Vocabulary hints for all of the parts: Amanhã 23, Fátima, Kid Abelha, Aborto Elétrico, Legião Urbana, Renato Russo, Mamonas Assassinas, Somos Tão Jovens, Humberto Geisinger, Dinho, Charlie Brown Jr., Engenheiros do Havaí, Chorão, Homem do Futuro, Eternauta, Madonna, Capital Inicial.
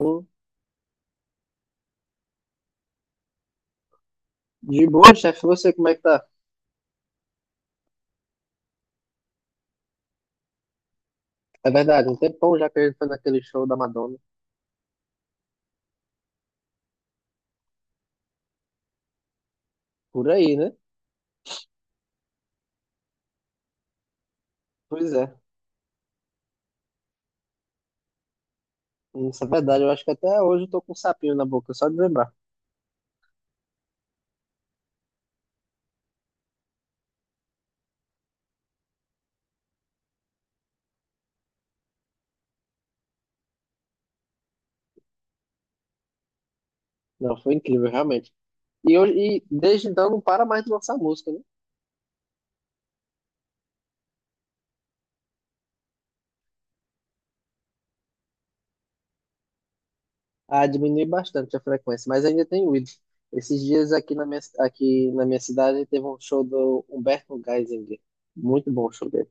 Hum, De boa, chefe, você como é que tá? É verdade, um tempão já que a gente foi naquele show da Madonna. Por aí, né? Pois é. Isso é verdade, eu acho que até hoje eu tô com um sapinho na boca, só de lembrar. Não, foi incrível, realmente. E, hoje, e desde então não para mais de lançar música, né? Ah, diminui bastante a frequência, mas ainda tem ido. Esses dias aqui na minha cidade teve um show do Humberto Geisinger. Muito bom o show dele.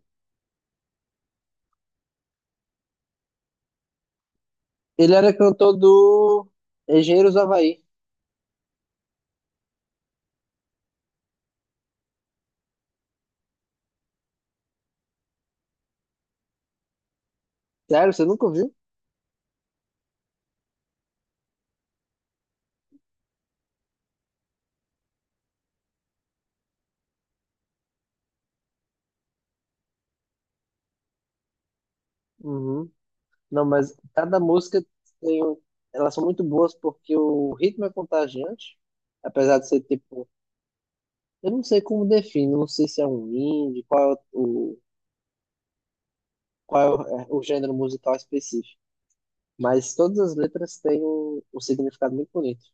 Ele era cantor do Engenheiros do Havaí. Sério, você nunca ouviu? Uhum. Não, mas cada música tem um... Elas são muito boas porque o ritmo é contagiante, apesar de ser tipo. Eu não sei como define, não sei se é um indie, qual é o gênero musical específico. Mas todas as letras têm um, um significado muito bonito.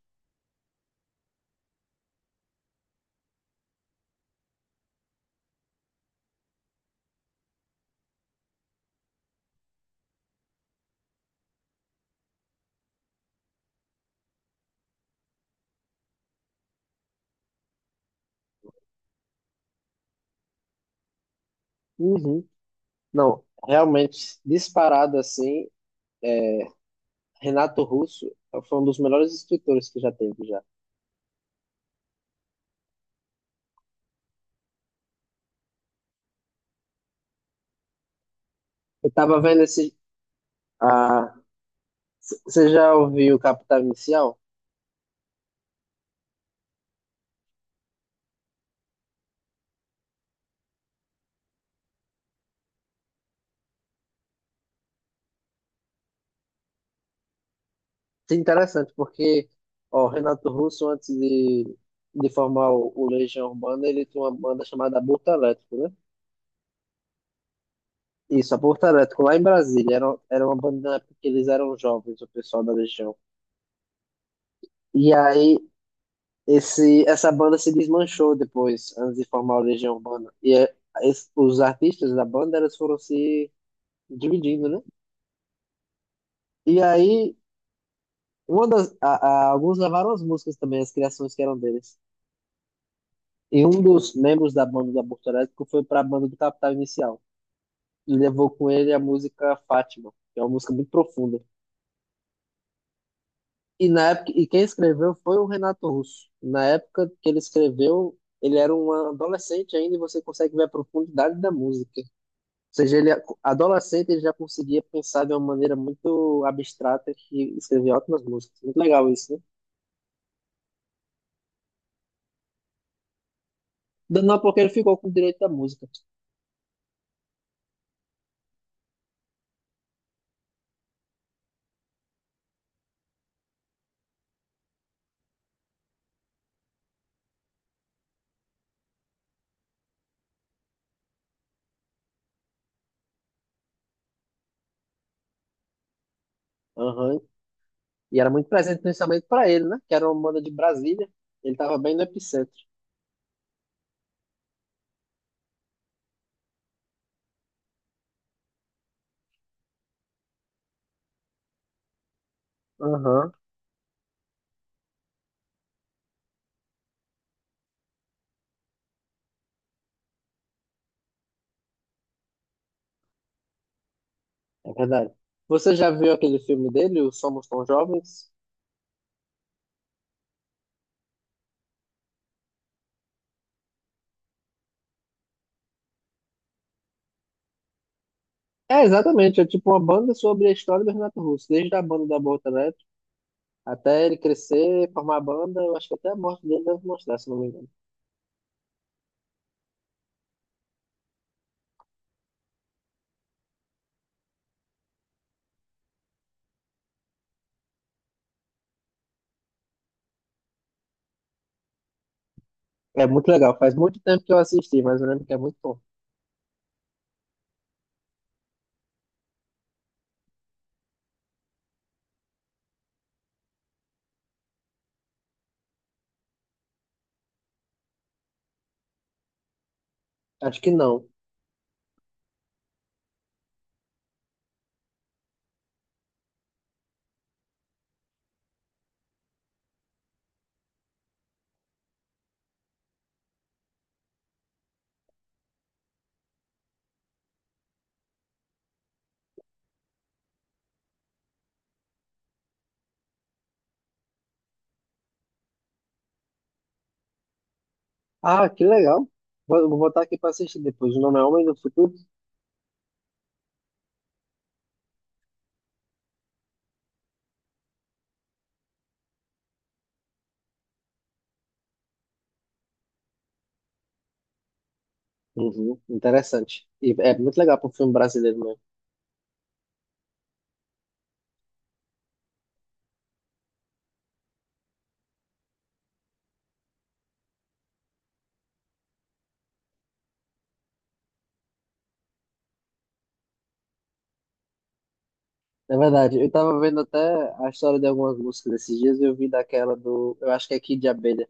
Uhum. Não, realmente, disparado assim, é, Renato Russo foi um dos melhores escritores que já teve já. Eu tava vendo esse. Ah, você já ouviu Capital Inicial? Sim, interessante, porque ó, o Renato Russo, antes de formar o Legião Urbana, ele tinha uma banda chamada Aborto Elétrico, né? Isso, Aborto Elétrico, lá em Brasília. Era, era uma banda na época que eles eram jovens, o pessoal da Legião. E aí, esse, essa banda se desmanchou depois, antes de formar o Legião Urbana. E é, os artistas da banda, eles foram se dividindo, né? E aí, uma das, a, alguns levaram as músicas também, as criações que eram deles. E um dos membros da banda do Aborto Elétrico foi para a banda do Capital Inicial. E levou com ele a música Fátima, que é uma música muito profunda. E na época, e quem escreveu foi o Renato Russo. Na época que ele escreveu, ele era um adolescente ainda e você consegue ver a profundidade da música. Ou seja, ele adolescente ele já conseguia pensar de uma maneira muito abstrata que escrevia ótimas músicas. Muito legal isso, né? Não, porque ele ficou com o direito da música. Aham, e era muito presente principalmente para ele, né? Que era uma banda de Brasília. Ele tava bem no epicentro. Aham, é verdade. Você já viu aquele filme dele, o Somos Tão Jovens? É, exatamente. É tipo uma banda sobre a história do Renato Russo, desde a banda da Boca Elétrica até ele crescer, formar a banda. Eu acho que até a morte dele deve mostrar, se não me engano. É muito legal. Faz muito tempo que eu assisti, mas eu lembro que é muito bom. Acho que não. Ah, que legal. Vou, vou botar aqui pra assistir depois. O nome é Homem do Futuro? Uhum, interessante. E é muito legal para um filme brasileiro mesmo. É verdade, eu tava vendo até a história de algumas músicas esses dias e eu vi daquela do. Eu acho que é Kid de Abelha.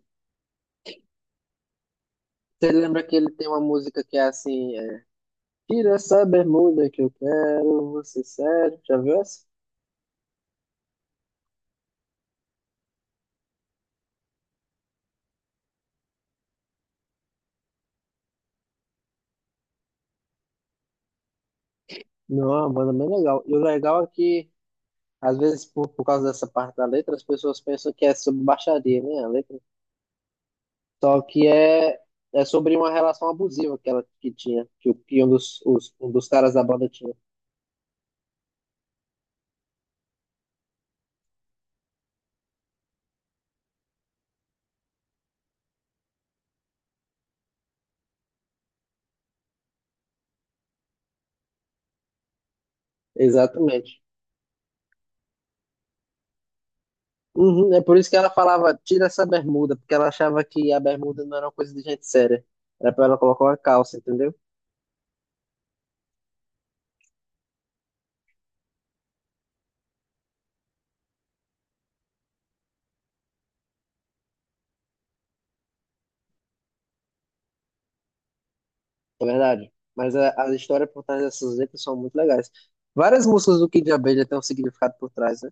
Você lembra que ele tem uma música que é assim: é, tira essa bermuda que eu quero, você sério. Já viu essa? Não, é uma banda bem legal. E o legal é que, às vezes, por causa dessa parte da letra, as pessoas pensam que é sobre baixaria, né? A letra. Só que é, é sobre uma relação abusiva que ela que tinha, que, que um dos, um dos caras da banda tinha. Exatamente. Uhum, é por isso que ela falava, tira essa bermuda, porque ela achava que a bermuda não era uma coisa de gente séria. Era pra ela colocar uma calça, entendeu? É verdade. Mas a história por trás dessas letras são muito legais. Várias músicas do Kid Abelha têm um significado por trás, né?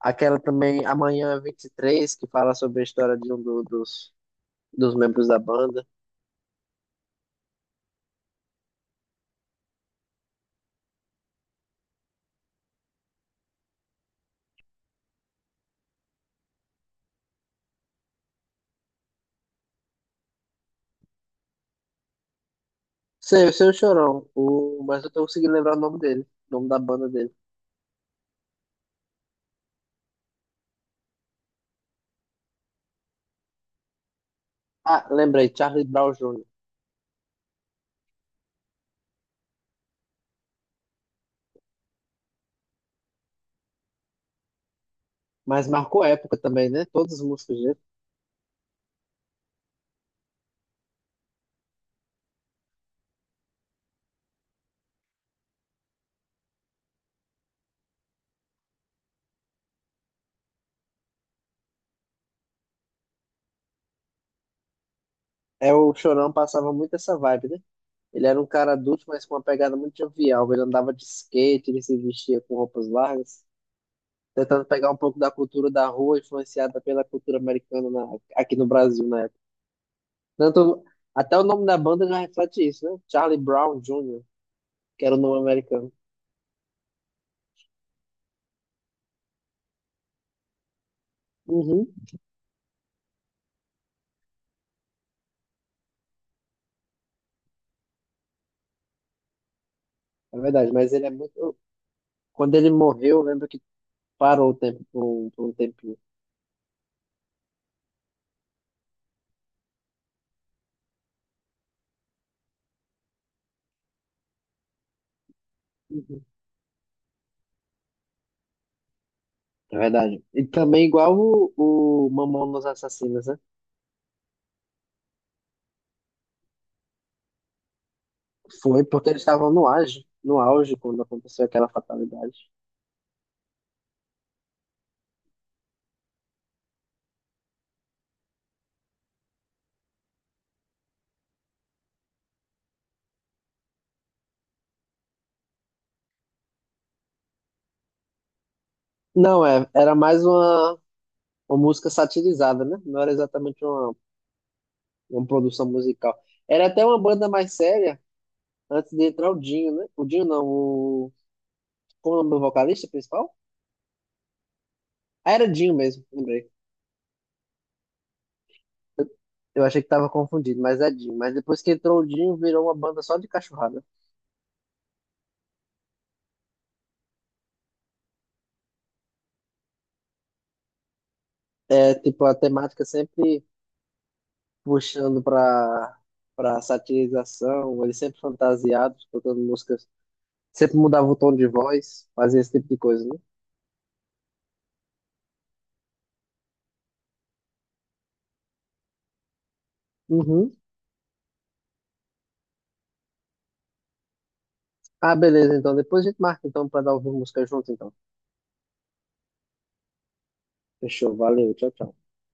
Aquela também, Amanhã 23, que fala sobre a história de um dos, dos membros da banda. Sei, eu sei o Chorão, o, mas eu tô conseguindo lembrar o nome dele, o nome da banda dele. Ah, lembrei, Charlie Brown Jr. Mas marcou época também, né? Todas as músicas dele. É, o Chorão passava muito essa vibe, né? Ele era um cara adulto, mas com uma pegada muito jovial. Ele andava de skate, ele se vestia com roupas largas, tentando pegar um pouco da cultura da rua, influenciada pela cultura americana aqui no Brasil na época. Tanto, até o nome da banda já reflete isso, né? Charlie Brown Jr., que era o nome americano. Uhum, é verdade, mas ele é muito. Quando ele morreu, eu lembro que parou o tempo por um tempinho. Uhum. É verdade. E também igual o Mamonas Assassinas, né? Foi porque eles estavam no auge, no auge quando aconteceu aquela fatalidade. Não, é, era mais uma música satirizada, né? Não era exatamente uma produção musical. Era até uma banda mais séria antes de entrar o Dinho, né? O Dinho não, o. Como é o nome do vocalista principal? Ah, era Dinho mesmo, lembrei. Eu achei que tava confundido, mas é Dinho. Mas depois que entrou o Dinho, virou uma banda só de cachorrada. É, tipo, a temática sempre puxando pra, pra satirização, eles sempre fantasiados, tocando músicas. Sempre mudava o tom de voz, fazia esse tipo de coisa, né? Uhum. Ah, beleza, então. Depois a gente marca, então, pra dar ouvir música junto, então. Fechou, valeu, tchau, tchau.